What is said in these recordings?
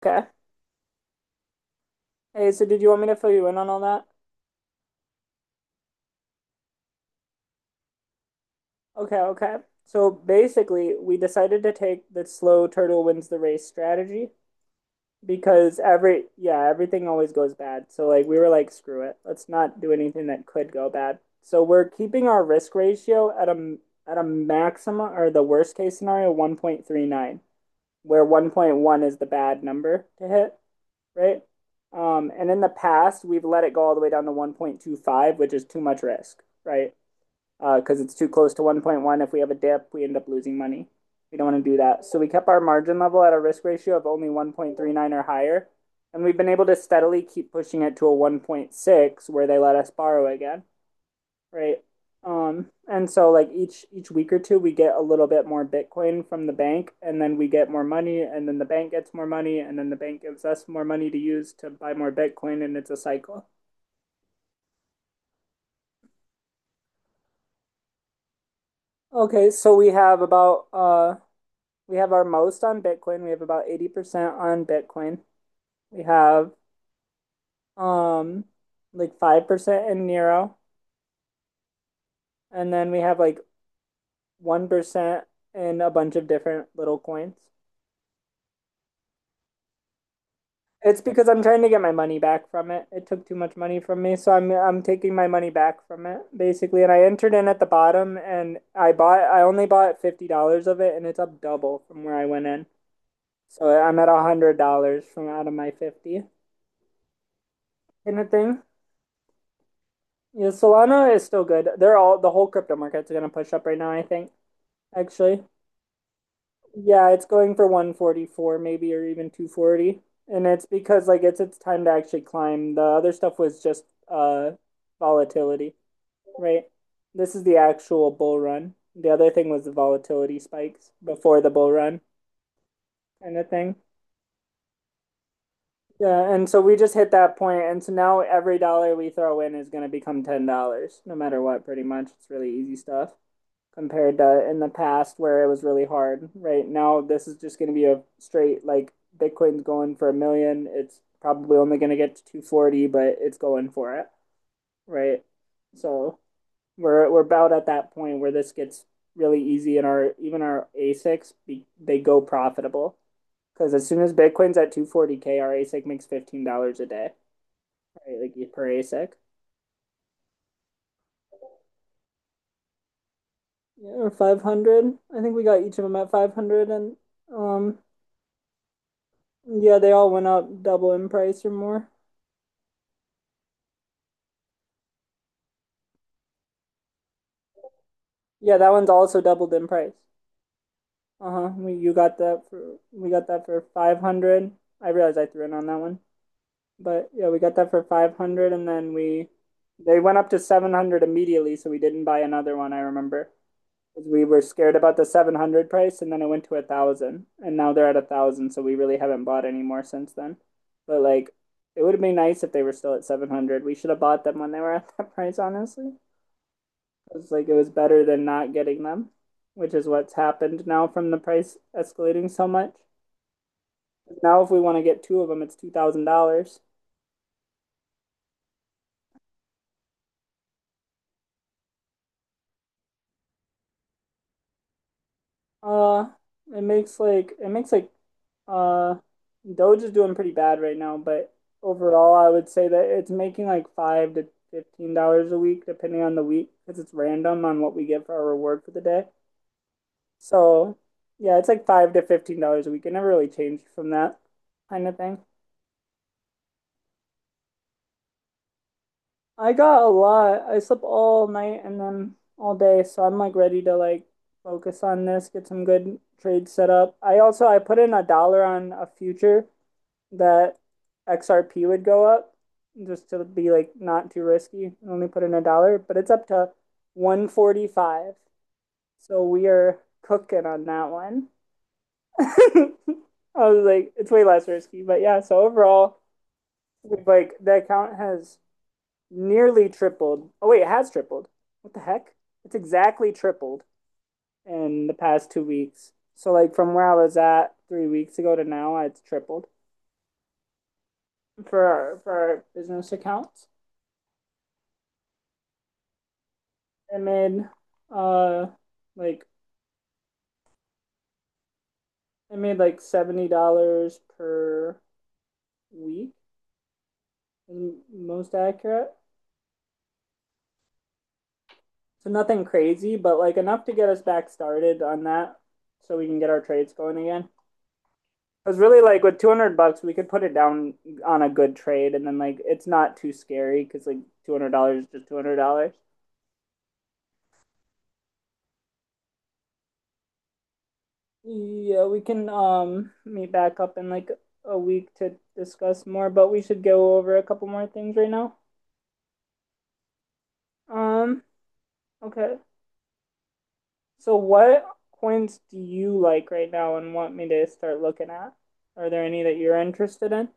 Okay. Hey, so did you want me to fill you in on all that? Okay, okay. So basically, we decided to take the slow turtle wins the race strategy because yeah, everything always goes bad. So like we were like, screw it. Let's not do anything that could go bad. So we're keeping our risk ratio at a maximum or the worst case scenario 1.39, where 1.1 is the bad number to hit, right? And in the past, we've let it go all the way down to 1.25, which is too much risk, right? Because it's too close to 1.1. If we have a dip, we end up losing money. We don't want to do that. So we kept our margin level at a risk ratio of only 1.39 or higher. And we've been able to steadily keep pushing it to a 1.6 where they let us borrow again, right? And so like each week or two we get a little bit more Bitcoin from the bank and then we get more money and then the bank gets more money and then the bank gives us more money to use to buy more Bitcoin, and it's a cycle. Okay, so we have our most on Bitcoin. We have about 80% on Bitcoin. We have um like 5% in Nero. And then we have like 1% in a bunch of different little coins. It's because I'm trying to get my money back from it. It took too much money from me, so I'm taking my money back from it basically. And I entered in at the bottom, and I only bought $50 of it, and it's up double from where I went in. So I'm at $100 from out of my 50, kind of thing. Yeah, Solana is still good. The whole crypto market's gonna push up right now, I think, actually. Yeah, it's going for 144 maybe or even 240. And it's because like it's time to actually climb. The other stuff was just volatility, right? This is the actual bull run. The other thing was the volatility spikes before the bull run, kind of thing. Yeah, and so we just hit that point, and so now every dollar we throw in is gonna become $10, no matter what, pretty much. It's really easy stuff compared to in the past where it was really hard. Right now, this is just going to be a straight like Bitcoin's going for a million. It's probably only going to get to 240, but it's going for it, right? So we're about at that point where this gets really easy, and our even our ASICs be, they go profitable because as soon as Bitcoin's at 240K, our ASIC makes $15 a day, right? Like per ASIC. Yeah, or 500. I think we got each of them at 500 and um yeah, they all went up double in price or more. Yeah, that one's also doubled in price. Uh-huh. We you got that for we got that for 500. I realized I threw in on that one. But yeah, we got that for 500 and then we they went up to 700 immediately, so we didn't buy another one, I remember. 'Cause we were scared about the 700 price and then it went to a 1,000, and now they're at a 1,000, so we really haven't bought any more since then. But like it would have been nice if they were still at 700. We should have bought them when they were at that price, honestly. It's like it was better than not getting them, which is what's happened now from the price escalating so much. Now if we want to get two of them, it's $2,000. Uh, it makes like uh, Doge is doing pretty bad right now, but overall, I would say that it's making like $5 to $15 a week, depending on the week, because it's random on what we get for our reward for the day. So yeah, it's like $5 to $15 a week. It never really changed from that, kind of thing. I got a lot. I slept all night and then all day, so I'm like ready to like focus on this, get some good trades set up. I also I put in a dollar on a future that XRP would go up just to be like not too risky. I only put in a dollar, but it's up to 145. So we are cooking on that one. I was like, it's way less risky, but yeah, so overall, we've like the account has nearly tripled. Oh wait, it has tripled. What the heck? It's exactly tripled in the past 2 weeks. So like from where I was at 3 weeks ago to now, it's tripled for our business accounts. I made uh like I made like $70 per week, most accurate. So nothing crazy, but like enough to get us back started on that, so we can get our trades going again. I was really like with 200 bucks we could put it down on a good trade, and then like it's not too scary because like $200 is just $200. Yeah, we can meet back up in like a week to discuss more, but we should go over a couple more things right now. Um okay, so what coins do you like right now and want me to start looking at? Are there any that you're interested in?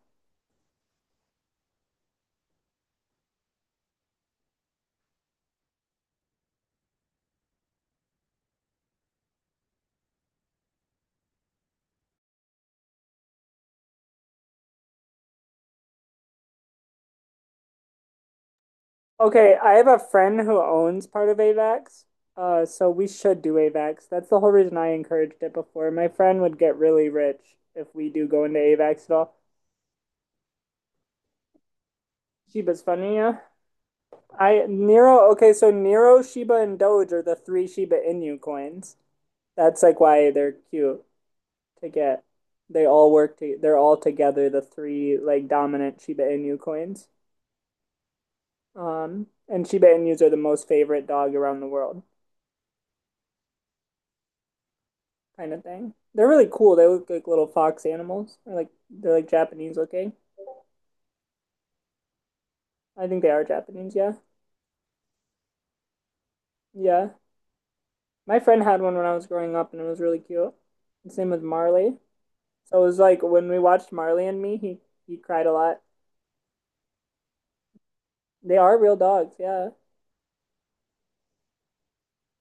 Okay, I have a friend who owns part of AVAX, so we should do AVAX. That's the whole reason I encouraged it before. My friend would get really rich if we do go into AVAX at all. Shiba's funny, yeah. I Nero. Okay, so Nero, Shiba, and Doge are the three Shiba Inu coins. That's like why they're cute to get. They all work to. They're all together the three like dominant Shiba Inu coins. And Shiba Inus are the most favorite dog around the world, kind of thing. They're really cool. They look like little fox animals. Or like they're like Japanese looking. I think they are Japanese, yeah. Yeah. My friend had one when I was growing up and it was really cute. His name was Marley. So it was like when we watched Marley and Me, he cried a lot. They are real dogs, yeah.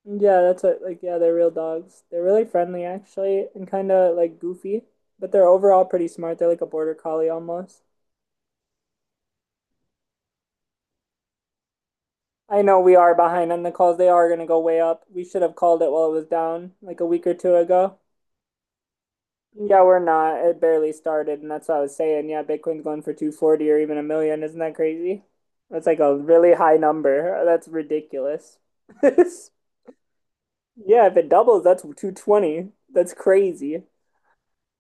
Yeah, that's what like, yeah, they're real dogs. They're really friendly actually and kind of like goofy, but they're overall pretty smart. They're like a border collie almost. I know we are behind on the calls. They are going to go way up. We should have called it while it was down like a week or two ago. Yeah, we're not. It barely started, and that's what I was saying. Yeah, Bitcoin's going for 240 or even a million. Isn't that crazy? That's like a really high number. That's ridiculous. Yeah, if it doubles, that's 220. That's crazy.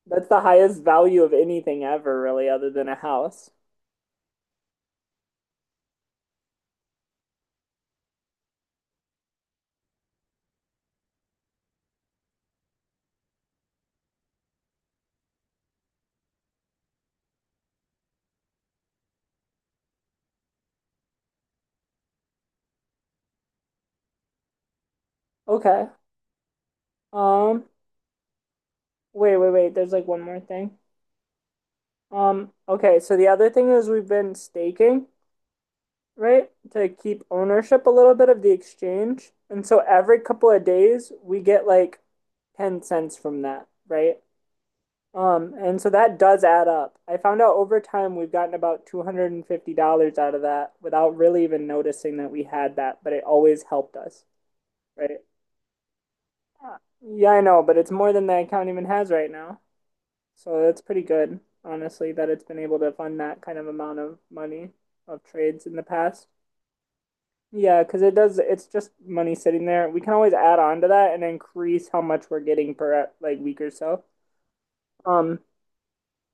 That's the highest value of anything ever, really, other than a house. Okay. Um, wait, wait, wait. There's like one more thing. Okay, so the other thing is we've been staking, right? To keep ownership a little bit of the exchange. And so every couple of days we get like 10 cents from that, right? And so that does add up. I found out over time we've gotten about $250 out of that without really even noticing that we had that, but it always helped us, right? Yeah, yeah, I know, but it's more than the account even has right now. So that's pretty good, honestly, that it's been able to fund that kind of amount of money of trades in the past. Yeah, because it does. It's just money sitting there. We can always add on to that and increase how much we're getting per like week or so. Um,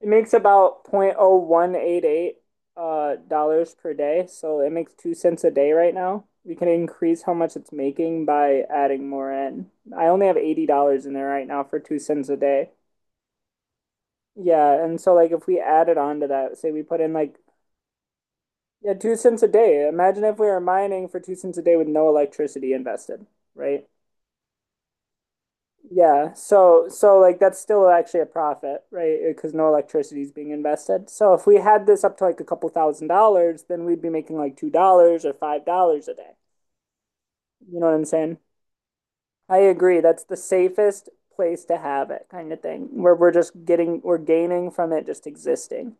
it makes about 0.0188 dollars per day, so it makes 2 cents a day right now. We can increase how much it's making by adding more in. I only have $80 in there right now for 2 cents a day. Yeah, and so like if we added on to that, say we put in like, yeah, 2 cents a day. Imagine if we were mining for 2 cents a day with no electricity invested, right? Yeah, so like that's still actually a profit, right? Because no electricity is being invested. So if we had this up to like a couple thousand dollars, then we'd be making like $2 or $5 a day. You know what I'm saying? I agree. That's the safest place to have it, kind of thing, where we're gaining from it just existing.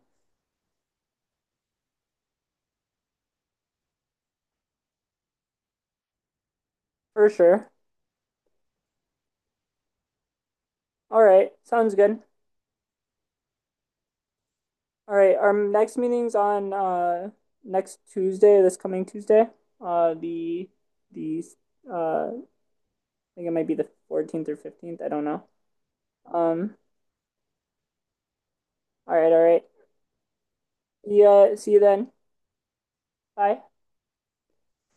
For sure. All right, sounds good. All right, our next meeting's on next Tuesday, this coming Tuesday. Uh the the uh I think it might be the 14th or 15th. I don't know. Um, all right, all right. Yeah, see you then. Bye.